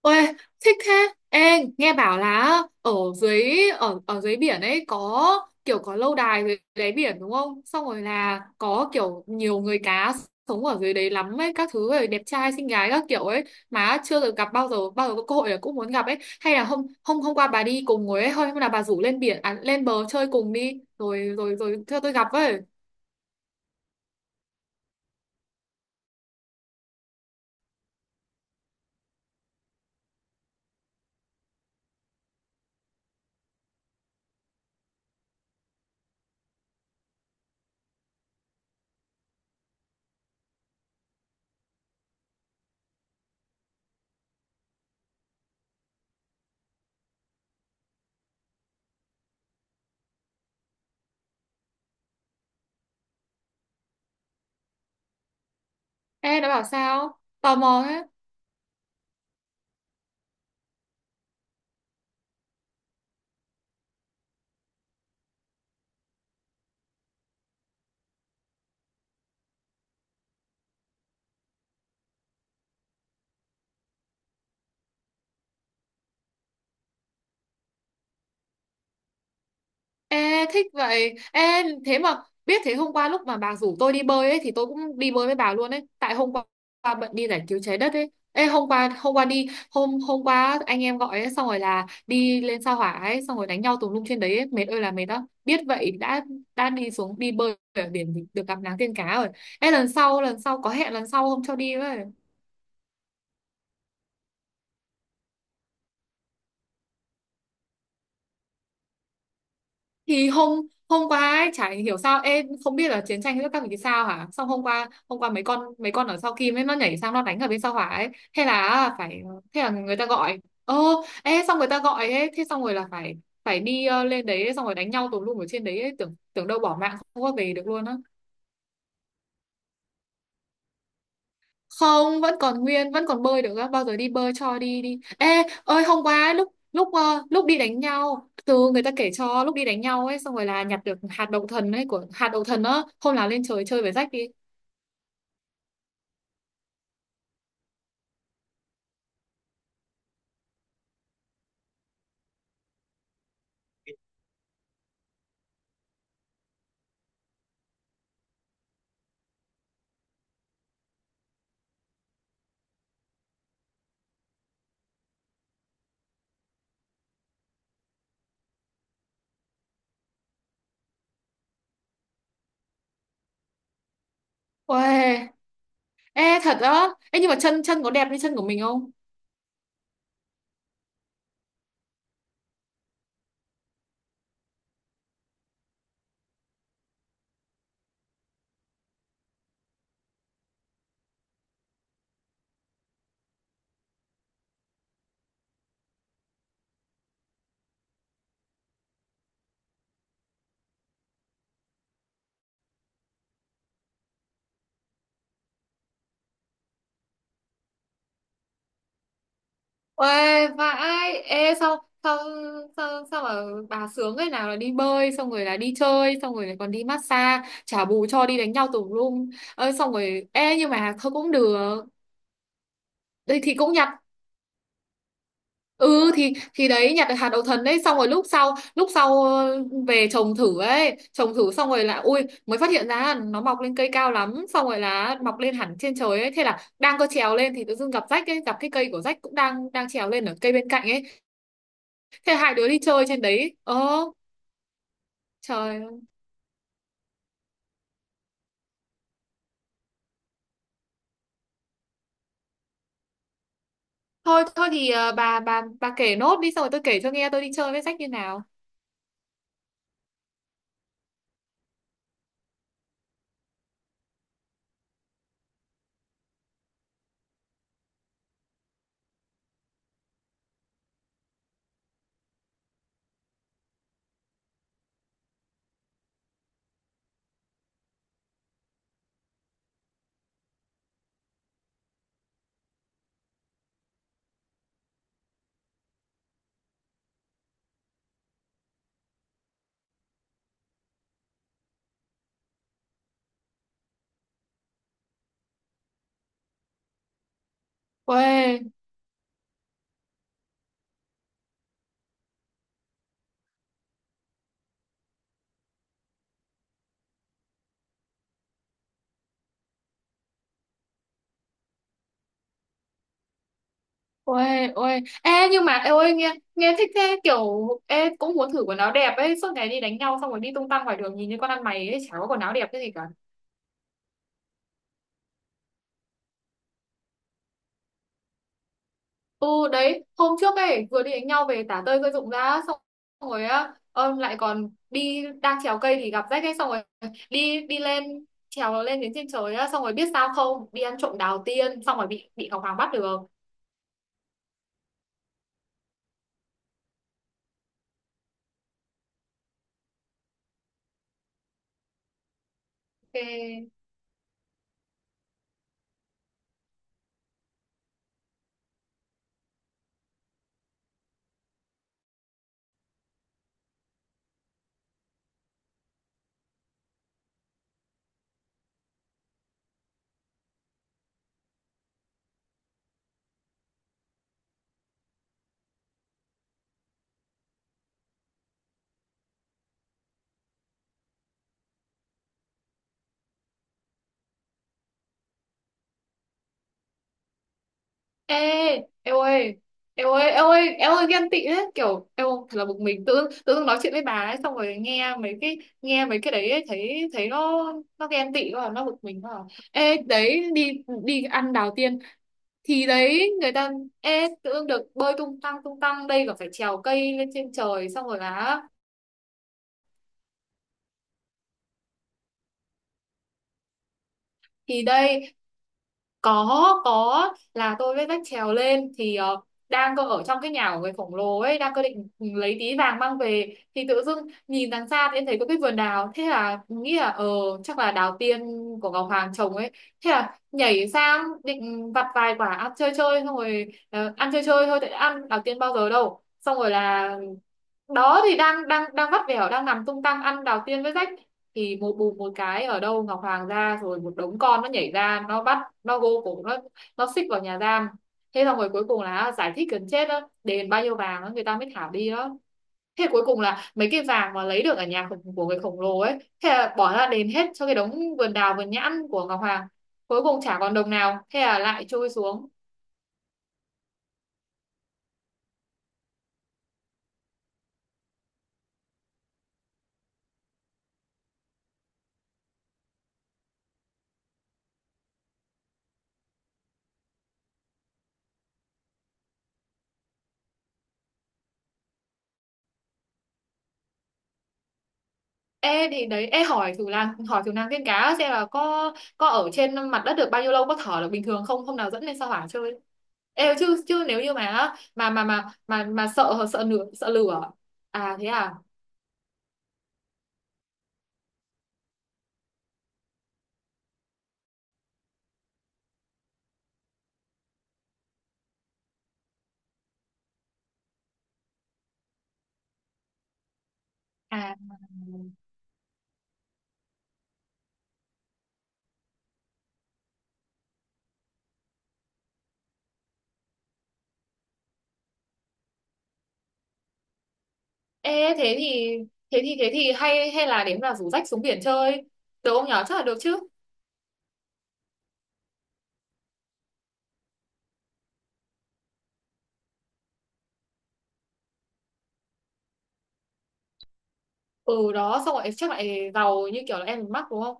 Ôi, thích thế. Ê, nghe bảo là ở dưới biển ấy có lâu đài dưới đáy biển đúng không? Xong rồi là có kiểu nhiều người cá sống ở dưới đấy lắm ấy, các thứ rồi đẹp trai xinh gái các kiểu ấy mà chưa được gặp bao giờ có cơ hội là cũng muốn gặp ấy. Hay là hôm hôm hôm qua bà đi cùng ngồi ấy, thôi hôm là bà rủ lên biển à, lên bờ chơi cùng đi rồi rồi rồi cho tôi gặp với. Ê, nó bảo sao? Tò mò thế. Ê, thích vậy. Ê, thế mà biết thế hôm qua lúc mà bà rủ tôi đi bơi ấy thì tôi cũng đi bơi với bà luôn ấy. Tại hôm qua bận đi giải cứu trái đất ấy. Ê, hôm qua anh em gọi ấy xong rồi là đi lên sao hỏa ấy xong rồi đánh nhau tùm lum trên đấy ấy. Mệt ơi là mệt đó. Biết vậy đã đi bơi ở biển thì được gặp nắng tiên cá rồi. Ê lần sau có hẹn lần sau không cho đi với. Thì hôm hôm qua ấy, chả hiểu sao em không biết là chiến tranh giữa các vị sao hả. Xong hôm qua mấy con ở sau Kim ấy nó nhảy sang nó đánh ở bên sau hỏa ấy. thế là phải Thế là người ta gọi ơ ê, xong người ta gọi ấy thế xong rồi là phải phải đi lên đấy xong rồi đánh nhau tùm lum ở trên đấy ấy. Tưởng tưởng đâu bỏ mạng không có về được luôn á. Không, vẫn còn nguyên, vẫn còn bơi được á, bao giờ đi bơi cho đi đi. Ê ơi, hôm qua ấy, lúc lúc ờ, lúc đi đánh nhau từ người ta kể cho lúc đi đánh nhau ấy xong rồi là nhặt được hạt đậu thần á, hôm nào lên trời chơi với rách đi. Uầy. Ê thật á, ê nhưng mà chân chân có đẹp như chân của mình không? Uầy vãi. Ê sao sao sao sao mà bà sướng ấy, nào là đi bơi xong rồi là đi chơi xong rồi lại còn đi massage trả bù cho đi đánh nhau tùm lum ơi, xong rồi ê nhưng mà thôi cũng được. Đây thì cũng nhặt, ừ thì đấy nhặt được hạt đậu thần đấy xong rồi lúc sau về trồng thử xong rồi là ui mới phát hiện ra là nó mọc lên cây cao lắm xong rồi là mọc lên hẳn trên trời ấy, thế là đang có trèo lên thì tự dưng gặp rách ấy, gặp cái cây của rách cũng đang đang trèo lên ở cây bên cạnh ấy. Thế hai đứa đi chơi trên đấy ơ. Trời ơi. Thôi thôi thì bà kể nốt đi xong rồi tôi kể cho nghe tôi đi chơi với rách như nào. Uầy. Ôi, ôi, ê nhưng mà ê, ôi nghe nghe thích thế, kiểu ê cũng muốn thử quần áo đẹp ấy, suốt ngày đi đánh nhau xong rồi đi tung tăng ngoài đường nhìn như con ăn mày ấy, chả có quần áo đẹp cái gì cả. Ừ đấy, hôm trước ấy vừa đi đánh nhau về tả tơi rơi rụng ra xong rồi á, lại còn đi đang trèo cây thì gặp rách ấy xong rồi đi đi lên trèo lên đến trên trời á xong rồi biết sao không, đi ăn trộm đào tiên xong rồi bị Ngọc Hoàng bắt được. Ok. Ê, em ơi, em ơi, em ơi, em ơi ghen tị đấy, kiểu em ơi, thật là bực mình, tự dưng nói chuyện với bà ấy, xong rồi nghe mấy cái đấy ấy, thấy thấy nó ghen tị quá, nó bực mình quá. À. Ê, đấy đi, đi ăn đào tiên thì đấy người ta, ê tự dưng được bơi tung tăng tung tăng, đây còn phải trèo cây lên trên trời xong rồi là thì đây có là tôi với vách trèo lên thì đang cơ ở trong cái nhà của người khổng lồ ấy, đang cơ định lấy tí vàng mang về thì tự dưng nhìn đằng xa thì em thấy có cái vườn đào, thế là nghĩ là chắc là đào tiên của Ngọc Hoàng trồng ấy, thế là nhảy sang định vặt vài quả ăn chơi chơi xong rồi ăn chơi chơi thôi tại đã ăn đào tiên bao giờ đâu, xong rồi là đó thì đang đang đang vắt vẻo đang nằm tung tăng ăn đào tiên với rách thì một bùm một cái ở đâu Ngọc Hoàng ra rồi một đống con nó nhảy ra, nó bắt, nó gô cổ, nó xích vào nhà giam. Thế xong rồi cuối cùng là giải thích gần chết đó, đền bao nhiêu vàng đó người ta mới thả đi đó. Thế cuối cùng là mấy cái vàng mà lấy được ở của người khổng lồ ấy thế là bỏ ra đền hết cho cái đống vườn đào vườn nhãn của Ngọc Hoàng. Cuối cùng chả còn đồng nào, thế là lại trôi xuống. Ê thì đấy, ê hỏi thử nàng tiên cá xem là có ở trên mặt đất được bao nhiêu lâu, có thở được bình thường không, hôm nào dẫn lên sao hỏa chơi. Ê chứ chứ nếu như mà sợ sợ lửa sợ lửa. À thế à. À ê thế thì hay hay là đến là rủ rách xuống biển chơi được không nhở, chắc là được chứ. Ừ đó xong rồi chắc lại giàu như kiểu là em mắc đúng không.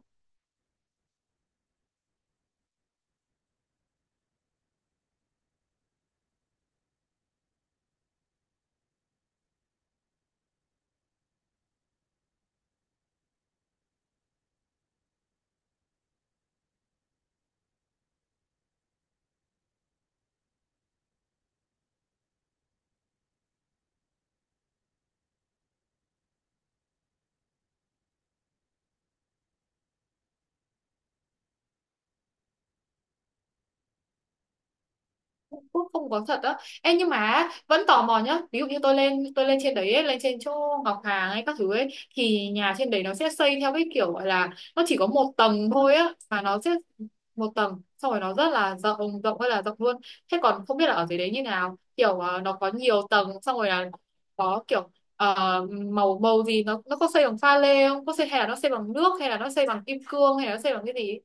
Cũng không có thật á. Ê nhưng mà vẫn tò mò nhá. Ví dụ như tôi lên trên đấy ấy, lên trên chỗ Ngọc Hàng hay các thứ ấy, thì nhà trên đấy nó sẽ xây theo cái kiểu gọi là nó chỉ có một tầng thôi á, mà nó sẽ một tầng, xong rồi nó rất là rộng, rộng hay là rộng luôn. Thế còn không biết là ở dưới đấy như nào, kiểu nó có nhiều tầng, xong rồi là có kiểu ờ, màu màu gì, nó có xây bằng pha lê không, có xây hay là nó xây bằng nước, hay là nó xây bằng kim cương, hay là nó xây bằng cái gì ấy?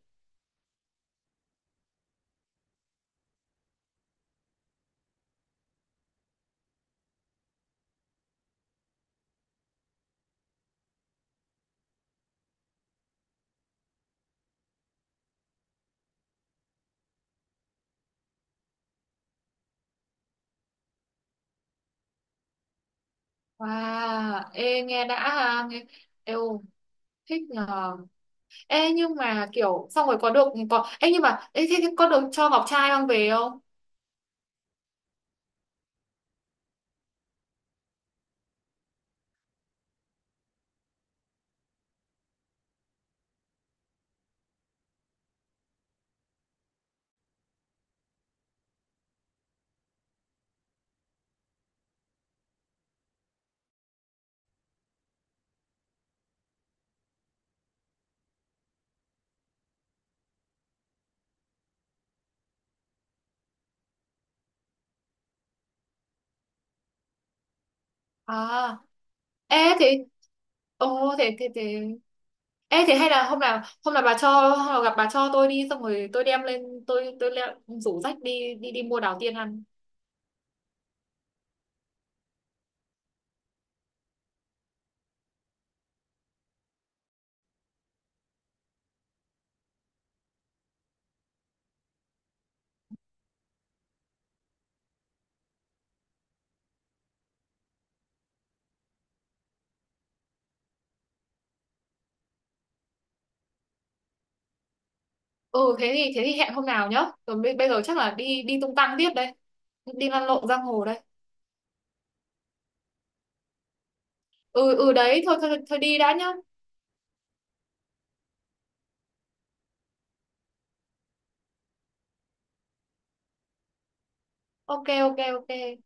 Wow, ê nghe đã ha, nghe, eo thích nhờ. Ê nhưng mà kiểu xong rồi có ê nhưng mà ê, thế có được cho ngọc trai mang về không? À ê thế, ồ thế thế thế ê thế hay là hôm nào gặp bà cho tôi đi xong rồi tôi đem lên rủ rách đi đi đi mua đào tiên ăn. Ừ thế thì hẹn hôm nào nhá. Rồi bây giờ chắc là đi đi tung tăng tiếp đây. Đi lăn lộn giang hồ đây. Ừ ừ đấy, thôi thôi thôi đi đã nhá. Ok ok ok.